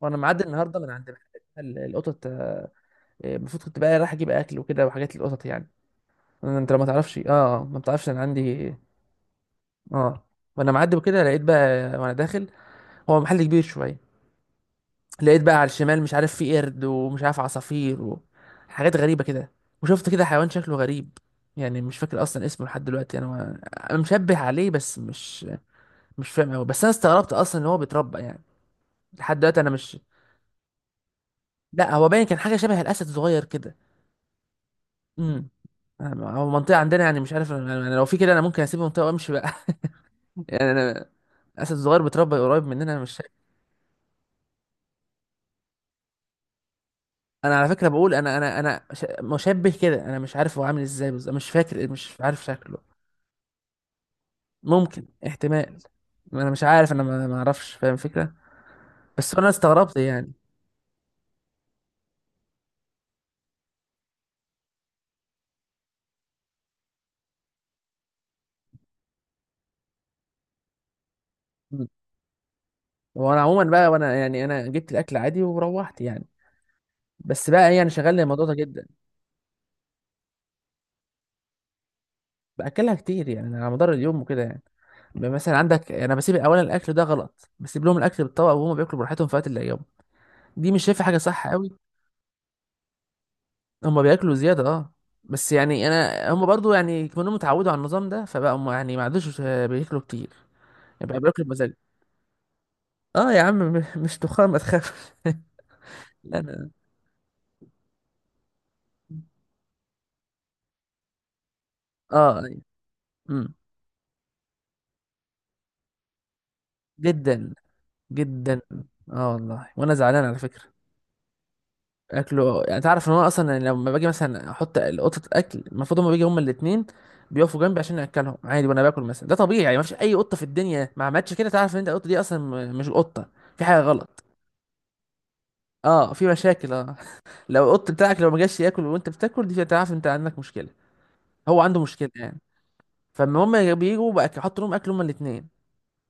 وانا معدي النهارده من عند محل القطط، المفروض كنت بقى رايح اجيب اكل وكده وحاجات للقطط يعني. انت لو ما تعرفش، ما بتعرفش انا عندي. اه وانا معدي وكده لقيت بقى وانا داخل، هو محل كبير شويه. لقيت بقى على الشمال، مش عارف في قرد ومش عارف عصافير وحاجات غريبه كده، وشفت كده حيوان شكله غريب. يعني مش فاكر اصلا اسمه لحد دلوقتي انا انا مشبه عليه، بس مش فاهم قوي. بس انا استغربت اصلا ان هو بيتربى يعني. لحد دلوقتي انا مش. لا، هو باين كان حاجه شبه الاسد صغير كده. امم. هو المنطقة عندنا، يعني مش عارف انا، لو في كده انا ممكن اسيب المنطقة وامشي بقى. يعني انا، اسد صغير بيتربى قريب مننا، انا مش شايف. انا على فكرة بقول مشبه كده، انا مش عارف هو عامل ازاي بالظبط، مش فاكر مش عارف شكله. ممكن احتمال. انا مش عارف، انا ما اعرفش فاهم الفكرة. بس انا استغربت يعني. مم. وانا عموما بقى وانا يعني انا جبت الاكل عادي وروحت يعني. بس بقى يعني شغلني الموضوع ده جدا. باكلها كتير يعني، على مدار اليوم وكده يعني. مثلا عندك، انا بسيب اولا، الاكل ده غلط، بسيب لهم الاكل بالطبق وهم بياكلوا براحتهم في وقت اللي يوم. دي مش شايفه حاجه صح قوي. هم بياكلوا زياده، اه. بس يعني انا هم برضو يعني كانوا اتعودوا على النظام ده، فبقى هم يعني ما عادوش بياكلوا كتير. يبقى بياكلوا بمزاج. اه يا عم، مش تخان، ما تخافش. لا انا. اه، أيوة. امم. جدا. جدا. اه والله وانا زعلان على فكره. اكله، يعني تعرف ان هو اصلا يعني لما باجي مثلا احط قطه الاكل المفروض هما بيجي هما الاثنين، بيقفوا جنبي عشان اكلهم عادي وانا باكل مثلا. ده طبيعي يعني، مفيش اي قطه في الدنيا ما عملتش كده. تعرف ان انت القطه دي اصلا، مش القطه، في حاجه غلط. اه، في مشاكل، اه. لو القط بتاعك لو ما جاش ياكل وانت بتاكل، دي تعرف انت عندك مشكله. هو عنده مشكله يعني. فاما هما بيجوا بقى يحطوا لهم اكل هما الاثنين،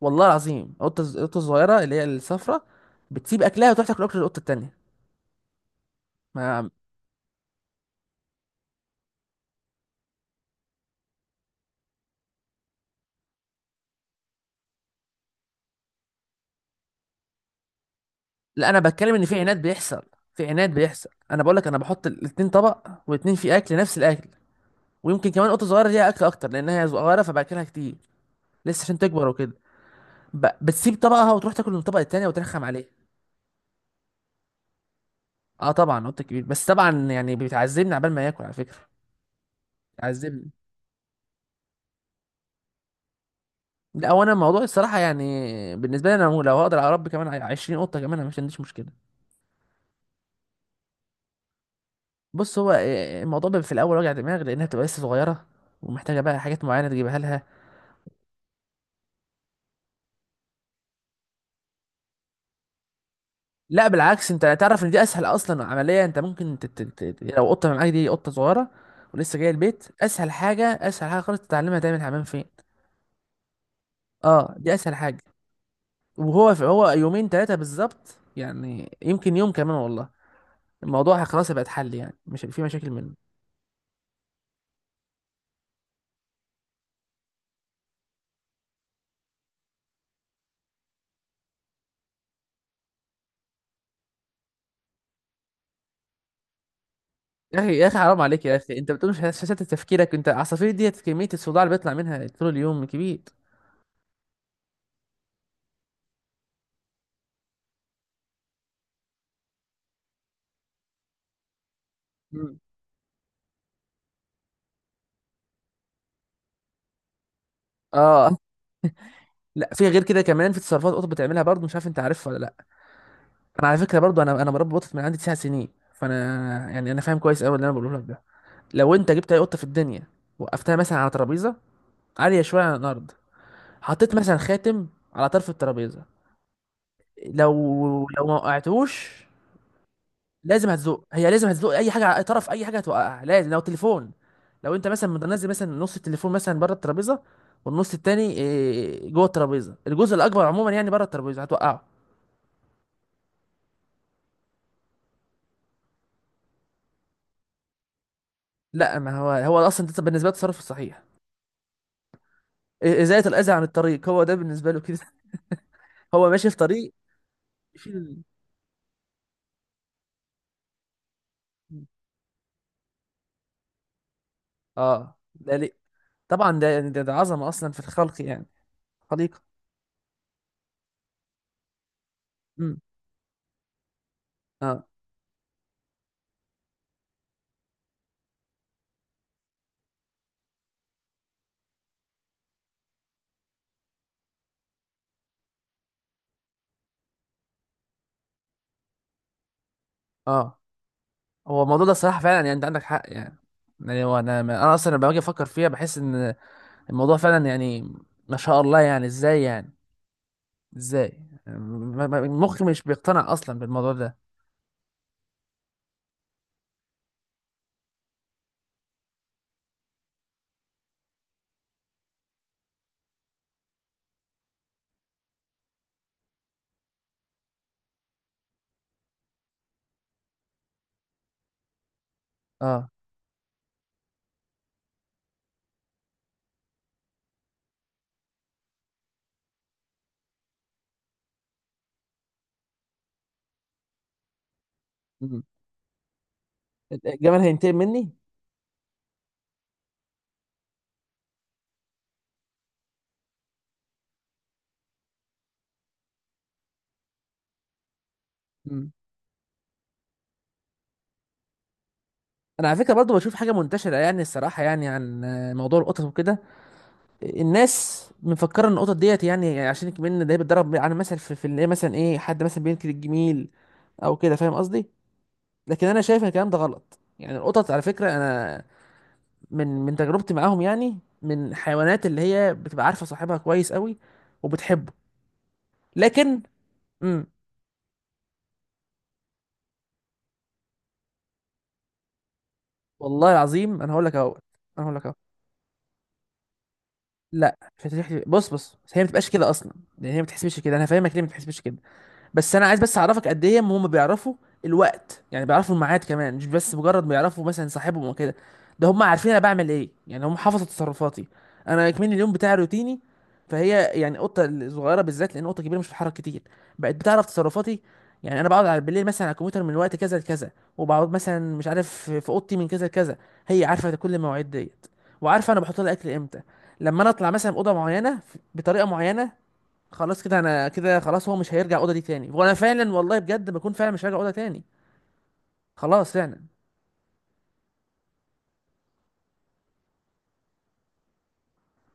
والله العظيم القطه الصغيره اللي هي الصفراء بتسيب اكلها وتروح تاكل اكل القطه التانيه. ما لا، انا بتكلم ان في عناد بيحصل. في عناد بيحصل، انا بقول لك انا بحط الاتنين طبق، واتنين فيه اكل نفس الاكل. ويمكن كمان قطه صغيره ليها اكل اكتر لانها صغيره، فباكلها كتير لسه عشان تكبر وكده. بتسيب طبقها وتروح تاكل من الطبق التاني وترخم عليه. اه طبعا، قطه كبير، بس طبعا يعني بتعذبني عبال ما ياكل على فكره. بتعذبني. لا، وانا الموضوع الصراحه يعني، بالنسبه لي انا لو هقدر اربي كمان 20 قطه كمان انا مش عنديش مشكله. بص، هو الموضوع بيبقى في الاول وجع دماغ لانها بتبقى لسه صغيره ومحتاجه بقى حاجات معينه تجيبها لها. لا بالعكس، انت تعرف ان دي اسهل اصلا عمليه. انت ممكن يعني لو قطه معاك دي قطه صغيره ولسه جايه البيت، اسهل حاجه، اسهل حاجه خالص، تتعلمها تعمل حمام فين. اه، دي اسهل حاجه. وهو هو يومين ثلاثه بالظبط يعني، يمكن يوم كمان والله. الموضوع خلاص هيبقى اتحل يعني، مش هيبقى في مشاكل منه. يا اخي، يا اخي حرام عليك يا اخي، انت بتقول مش شتت تفكيرك؟ انت العصافير دي كميه الصداع اللي بيطلع منها طول اليوم كبير. مم. اه. لا، في غير كده كمان في تصرفات قطط بتعملها برضه، مش عارف انت عارفها ولا لا. انا على فكره برضو، انا مربي قطط من عندي 9 سنين. فانا يعني انا فاهم كويس قوي اللي انا بقوله لك ده. لو انت جبت اي قطه في الدنيا، وقفتها مثلا على ترابيزه عاليه شويه عن الارض، حطيت مثلا خاتم على طرف الترابيزه. لو لو ما وقعتوش، لازم هتزق. هي لازم هتزق اي حاجه على اي طرف، اي حاجه هتوقعها لازم. لو تليفون، لو انت مثلا منزل مثلا نص التليفون مثلا بره الترابيزه والنص التاني جوه الترابيزه، الجزء الاكبر عموما يعني بره الترابيزه، هتوقعه. لا، ما هو هو اصلا ده بالنسبه لي التصرف الصحيح. ازالة الاذى عن الطريق، هو ده بالنسبة له كده. هو ماشي في طريق، يشيل. اه، ده ليه؟ طبعا ده يعني ده عظمة اصلا في الخلق يعني. خليقة. امم. اه. اه. هو الموضوع ده صراحة فعلا، يعني انت عندك حق يعني. يعني هو انا اصلا لما باجي افكر فيها بحس ان الموضوع فعلا يعني، ما شاء الله يعني. ازاي يعني؟ ازاي؟ يعني مخي مش بيقتنع اصلا بالموضوع ده. اه. امم. الجمال هينتقم مني؟ امم. انا على فكرة برضو بشوف حاجة منتشرة يعني، الصراحة يعني عن موضوع القطط وكده. الناس مفكره ان القطط ديت، يعني عشان كمان ده بيتدرب على مثل، في اللي هي مثلا ايه، حد مثلا بينكر الجميل او كده، فاهم قصدي. لكن انا شايف ان الكلام ده غلط يعني. القطط على فكره، انا من تجربتي معاهم، يعني من حيوانات اللي هي بتبقى عارفه صاحبها كويس قوي وبتحبه. لكن. امم. والله العظيم انا هقول لك اهو. انا هقول لك اهو. لا، مش هتحكي، بص بص، هي ما بتبقاش كده اصلا. يعني هي ما بتحسبش كده، انا فاهمك ليه ما بتحسبش كده. بس انا عايز بس اعرفك قد ايه هم بيعرفوا الوقت. يعني بيعرفوا الميعاد كمان، مش بس مجرد بيعرفوا مثلا صاحبهم وكده. ده هم عارفين انا بعمل ايه يعني، هم حافظوا تصرفاتي. انا كمان اليوم بتاعي روتيني. فهي يعني قطه الصغيره بالذات، لان قطه كبيره مش بتتحرك كتير، بقت بتعرف تصرفاتي. يعني انا بقعد على بالليل مثلا على الكمبيوتر من وقت كذا لكذا، وبقعد مثلا مش عارف في اوضتي من كذا لكذا. هي عارفه كل المواعيد ديت، وعارفه انا بحط لها اكل امتى. لما انا اطلع مثلا اوضه معينه بطريقه معينه، خلاص كده، انا كده خلاص هو مش هيرجع الاوضه دي تاني، وانا فعلا والله بجد بكون فعلا مش هرجع الاوضه تاني. خلاص فعلا.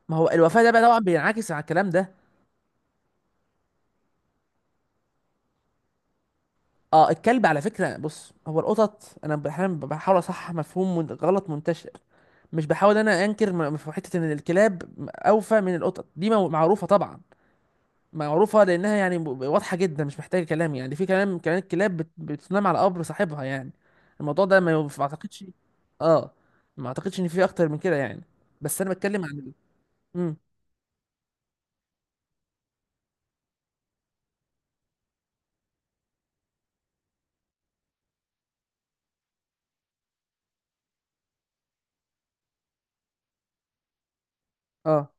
ما هو الوفاء ده بقى طبعا بينعكس على الكلام ده. اه، الكلب على فكره، بص، هو القطط انا احيانا بحاول اصحح مفهوم غلط منتشر. مش بحاول انا انكر، في حته ان الكلاب اوفى من القطط، دي معروفه طبعا. معروفة لأنها يعني واضحة جدا، مش محتاجة كلام. يعني في كلام كمان، كلاب بتنام على قبر صاحبها يعني. الموضوع ده ما أعتقدش. اه. ما أعتقدش إن في أكتر من كده يعني. بس أنا بتكلم عن مم. اه.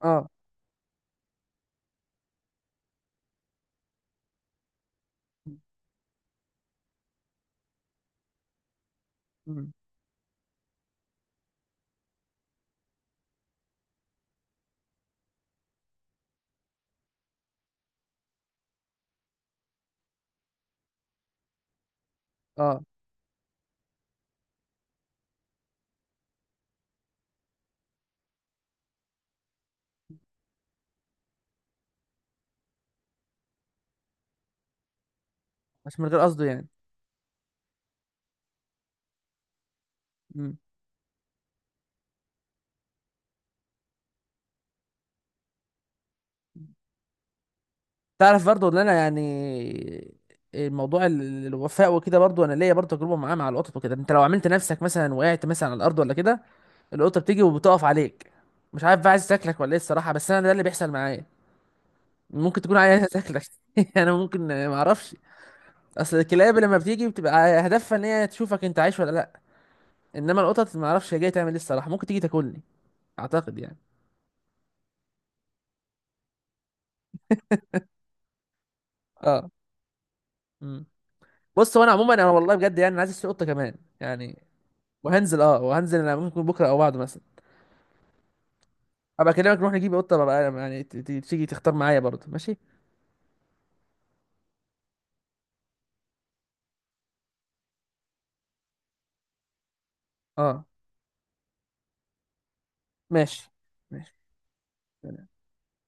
اه. مم. اه. بس من غير قصده يعني. مم. تعرف برضو إن أنا يعني، الموضوع الوفاء وكده، برضو أنا ليا برضو تجربة معاه مع القطط وكده. أنت لو عملت نفسك مثلا وقعت مثلا على الأرض ولا كده، القطة بتيجي وبتقف عليك، مش عارف بقى عايز تاكلك ولا ايه الصراحة، بس انا ده اللي بيحصل معايا. ممكن تكون عايزة تاكلك. انا ممكن ما اعرفش. اصل الكلاب لما بتيجي بتبقى هدفها ان هي تشوفك انت عايش ولا لا. انما القطط ما اعرفش هي جايه تعمل ايه الصراحه، ممكن تيجي تاكلني. اعتقد يعني. اه. امم. بص، هو انا عموما، انا والله بجد يعني أنا عايز اشتري قطه كمان يعني. وهنزل. اه، وهنزل انا ممكن بكره او بعده مثلا. ابقى اكلمك نروح نجيب قطه بقى يعني، تيجي تختار معايا برضه. ماشي. اه. ماشي. ماشي.